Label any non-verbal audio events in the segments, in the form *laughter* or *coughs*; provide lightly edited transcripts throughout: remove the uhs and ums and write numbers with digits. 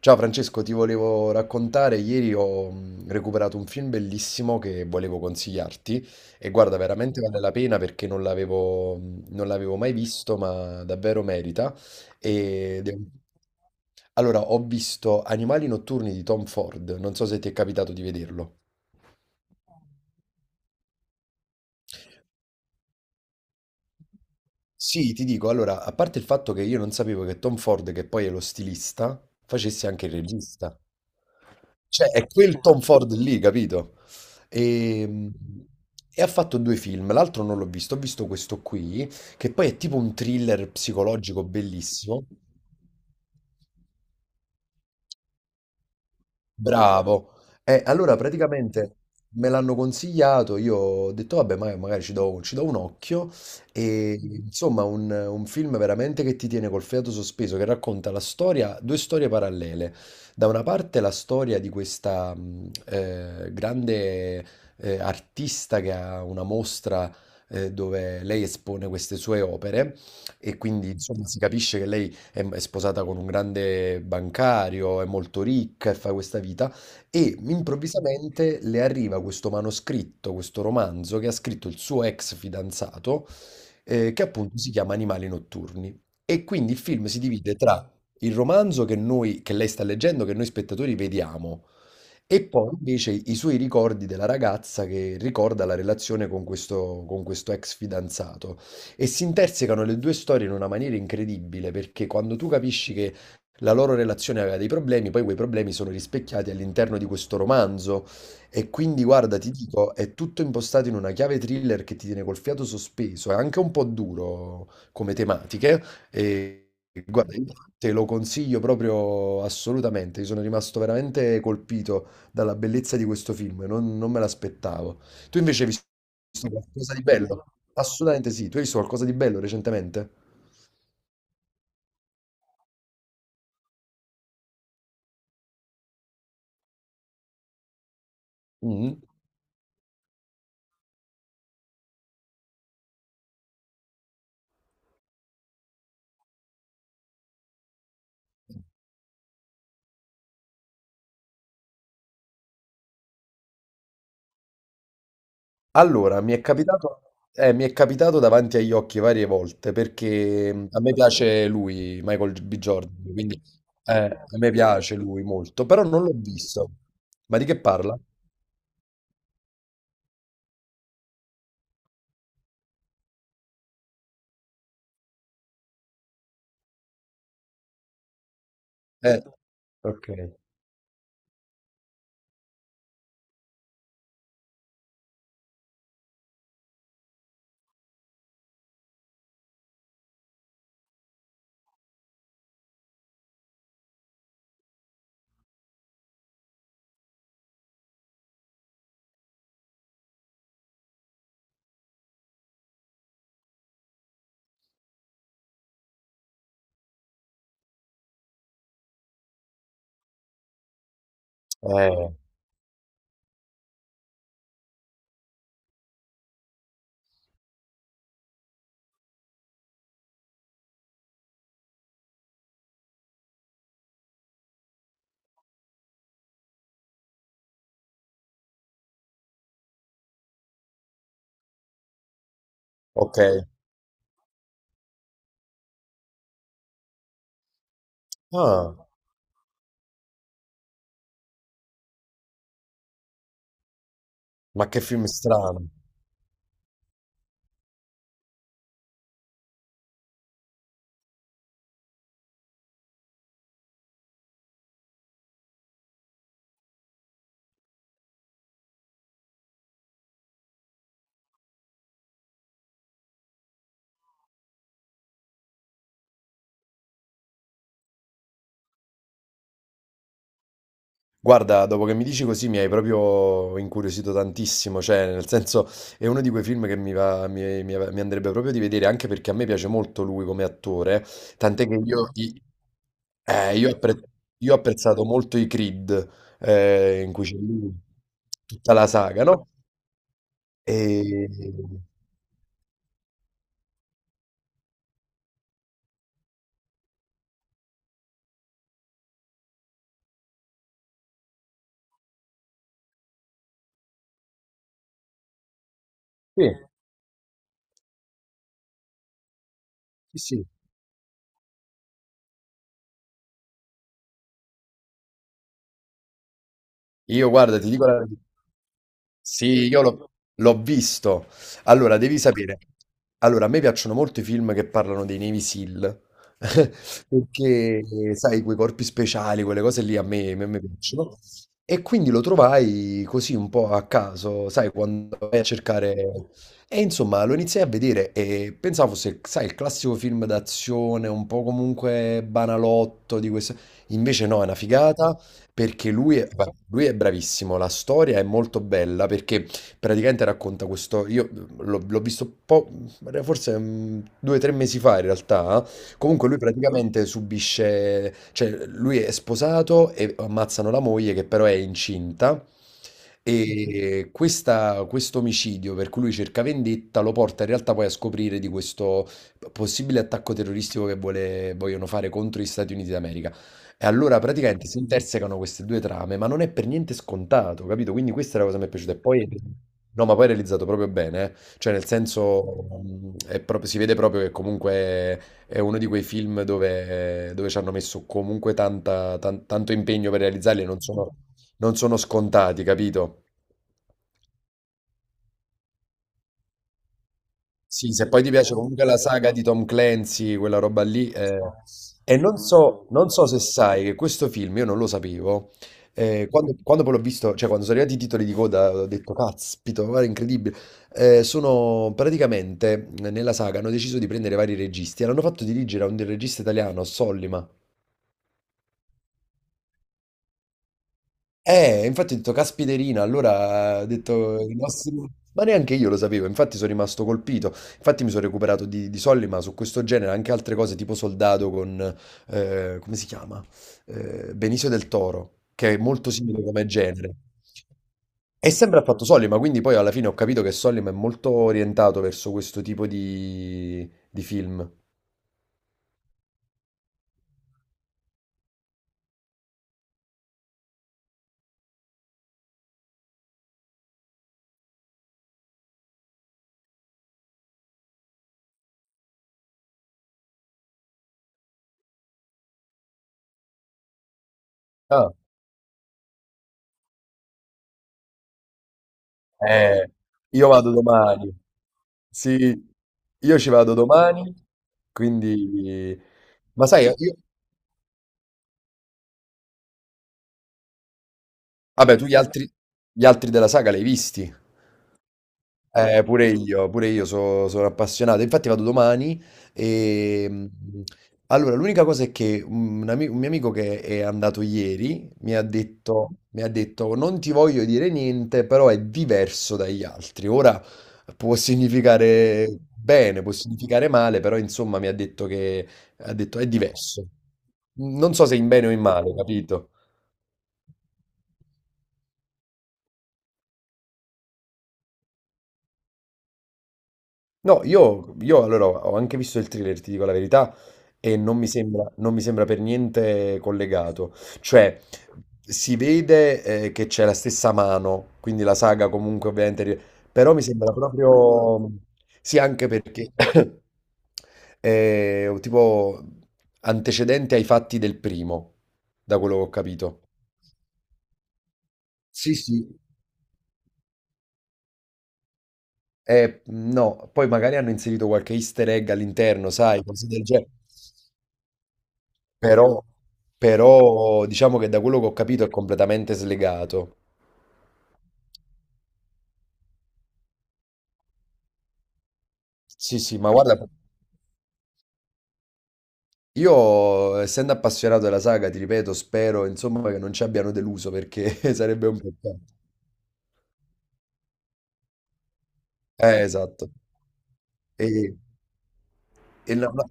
Ciao Francesco, ti volevo raccontare, ieri ho recuperato un film bellissimo che volevo consigliarti e guarda, veramente vale la pena perché non l'avevo mai visto, ma davvero merita. Ed è un- Allora, ho visto Animali notturni di Tom Ford, non so se ti è capitato di vederlo. Sì, ti dico, allora, a parte il fatto che io non sapevo che Tom Ford, che poi è lo stilista, facesse anche il regista. Cioè, è quel Tom Ford lì, capito? E, e ha fatto due film. L'altro non l'ho visto, ho visto questo qui, che poi è tipo un thriller psicologico bellissimo. Bravo. E allora praticamente me l'hanno consigliato, io ho detto vabbè, ma- magari ci do un occhio e insomma un film veramente che ti tiene col fiato sospeso, che racconta la storia, due storie parallele. Da una parte la storia di questa grande artista che ha una mostra dove lei espone queste sue opere e quindi insomma si capisce che lei è sposata con un grande bancario, è molto ricca e fa questa vita, e improvvisamente le arriva questo manoscritto, questo romanzo che ha scritto il suo ex fidanzato, che appunto si chiama Animali notturni. E quindi il film si divide tra il romanzo che lei sta leggendo, che noi spettatori vediamo, e poi invece i suoi ricordi della ragazza che ricorda la relazione con questo ex fidanzato. E si intersecano le due storie in una maniera incredibile, perché quando tu capisci che la loro relazione aveva dei problemi, poi quei problemi sono rispecchiati all'interno di questo romanzo. E quindi, guarda, ti dico, è tutto impostato in una chiave thriller che ti tiene col fiato sospeso, è anche un po' duro come tematiche. E guarda, io te lo consiglio proprio assolutamente, io sono rimasto veramente colpito dalla bellezza di questo film, non me l'aspettavo. Tu invece hai visto qualcosa di bello? Assolutamente sì, tu hai visto qualcosa di bello recentemente? Mm. Allora, mi è capitato davanti agli occhi varie volte perché a me piace lui, Michael B. Jordan, quindi a me piace lui molto, però non l'ho visto. Ma di che parla? Eh, ok. Eh, ok. Ah, ma che film strano. Guarda, dopo che mi dici così mi hai proprio incuriosito tantissimo, cioè nel senso è uno di quei film che mi va, mi andrebbe proprio di vedere, anche perché a me piace molto lui come attore, tant'è che io, i- io, ho appre- io ho apprezzato molto i Creed, in cui c'è lui, tutta la saga, no? E... Sì, sì, sì. Io guarda, ti dico la verità. Sì, io l'ho l'ho visto. Allora, devi sapere. Allora, a me piacciono molto i film che parlano dei Navy SEAL, *laughs* perché, sai, quei corpi speciali, quelle cose lì a me piacciono. E quindi lo trovai così un po' a caso, sai, quando vai a cercare... E insomma, lo iniziai a vedere e pensavo fosse, sai, il classico film d'azione, un po' comunque banalotto di questo... Invece no, è una figata perché lui è bravissimo, la storia è molto bella perché praticamente racconta questo, io mhmm, l'ho l'ho visto un po', due o tre mesi fa in realtà, comunque lui praticamente subisce, cioè lui è sposato e ammazzano la moglie che però è incinta e questo omicidio per cui lui cerca vendetta lo porta in realtà poi a scoprire di questo possibile attacco terroristico che vogliono fare contro gli Stati Uniti d'America. E allora praticamente si intersecano queste due trame, ma non è per niente scontato, capito? Quindi questa è la cosa che mi è piaciuta. E poi, no, ma poi è realizzato proprio bene, eh. Cioè nel senso, è proprio- si vede proprio che comunque è uno di quei film dove, dove ci hanno messo comunque tanto impegno per realizzarli e non sono scontati, capito? Sì, se poi ti piace comunque la saga di Tom Clancy, quella roba lì. Eh, e non so, non so se sai che questo film, io non lo sapevo, quando poi l'ho visto, cioè quando sono arrivati i titoli di coda, ho detto, caspito, guarda, incredibile. Sono praticamente, nella saga, hanno deciso di prendere vari registi e l'hanno fatto dirigere a un regista italiano, Sollima. Infatti ho detto, caspiterina, allora ho detto, il nostro- ma neanche io lo sapevo, infatti sono rimasto colpito, infatti mi sono recuperato di soldi, ma su questo genere anche altre cose tipo Soldato con, come si chiama? Benicio del Toro, che è molto simile come genere. E sempre ha fatto Solima, quindi poi alla fine ho capito che Solima è molto orientato verso questo tipo di film. Ah, eh, io vado domani. Sì, io ci vado domani, quindi... Ma sai, io... Vabbè, tu gli altri, della saga li hai visti? Pure io, sono appassionato. Infatti vado domani e... mm, allora, l'unica cosa è che un mio amico che è andato ieri mi ha detto, non ti voglio dire niente, però è diverso dagli altri. Ora può significare bene, può significare male, però insomma mi ha detto che è diverso. Non so se in bene o in male, capito? No, io allora ho anche visto il thriller, ti dico la verità, e non mi sembra per niente collegato. Cioè, si vede che c'è la stessa mano, quindi la saga comunque ovviamente... ri- Però mi sembra proprio... Sì, anche perché *coughs* è un tipo antecedente ai fatti del primo, da quello che ho capito. Sì, sì. No, poi magari hanno inserito qualche easter egg all'interno, sai, cose del genere. Però, diciamo che da quello che ho capito è completamente slegato. Sì, sì, ma guarda, io essendo appassionato della saga, ti ripeto, spero insomma che non ci abbiano deluso perché *laughs* sarebbe un peccato. Esatto. E, e la- la-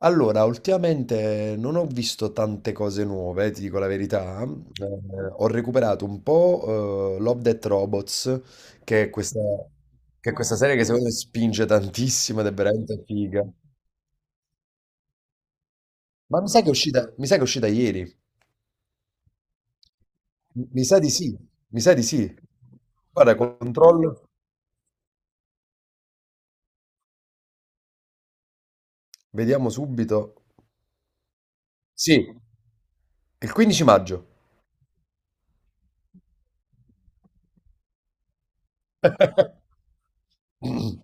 allora, ultimamente non ho visto tante cose nuove, ti dico la verità. Ho recuperato un po' Love, Death Robots, che è questa, che è questa serie che secondo me spinge tantissimo ed è veramente figa. Ma mi sa che è uscita, mi sa che è uscita ieri. Mi mi sa di sì, mi sa di sì. Guarda, controllo, vediamo subito. Sì, il 15 maggio.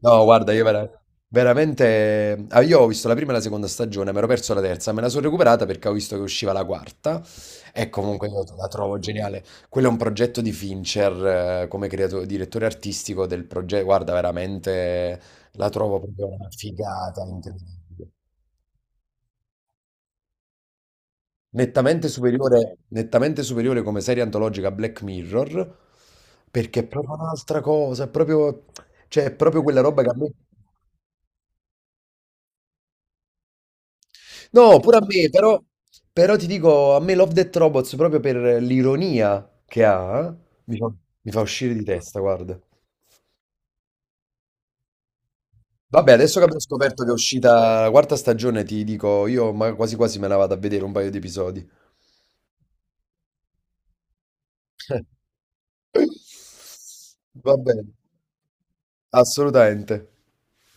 No, guarda, veramente... ah, io ho visto la prima e la seconda stagione, mi ero perso la terza, me la sono recuperata perché ho visto che usciva la quarta e comunque io la trovo geniale. Quello è un progetto di Fincher come creato- direttore artistico del progetto, guarda, veramente la trovo proprio una figata, incredibile. Nettamente superiore come serie antologica a Black Mirror, perché è proprio un'altra cosa, è proprio, cioè, è proprio quella roba che a me... No, pure a me, però, però ti dico, a me Love Death Robots, proprio per l'ironia che ha, mi fa, mi fa uscire di testa, guarda. Vabbè, adesso che abbiamo scoperto che è uscita la quarta stagione, ti dico, io ma quasi quasi me la vado a vedere un paio di episodi. *laughs* Va bene, assolutamente.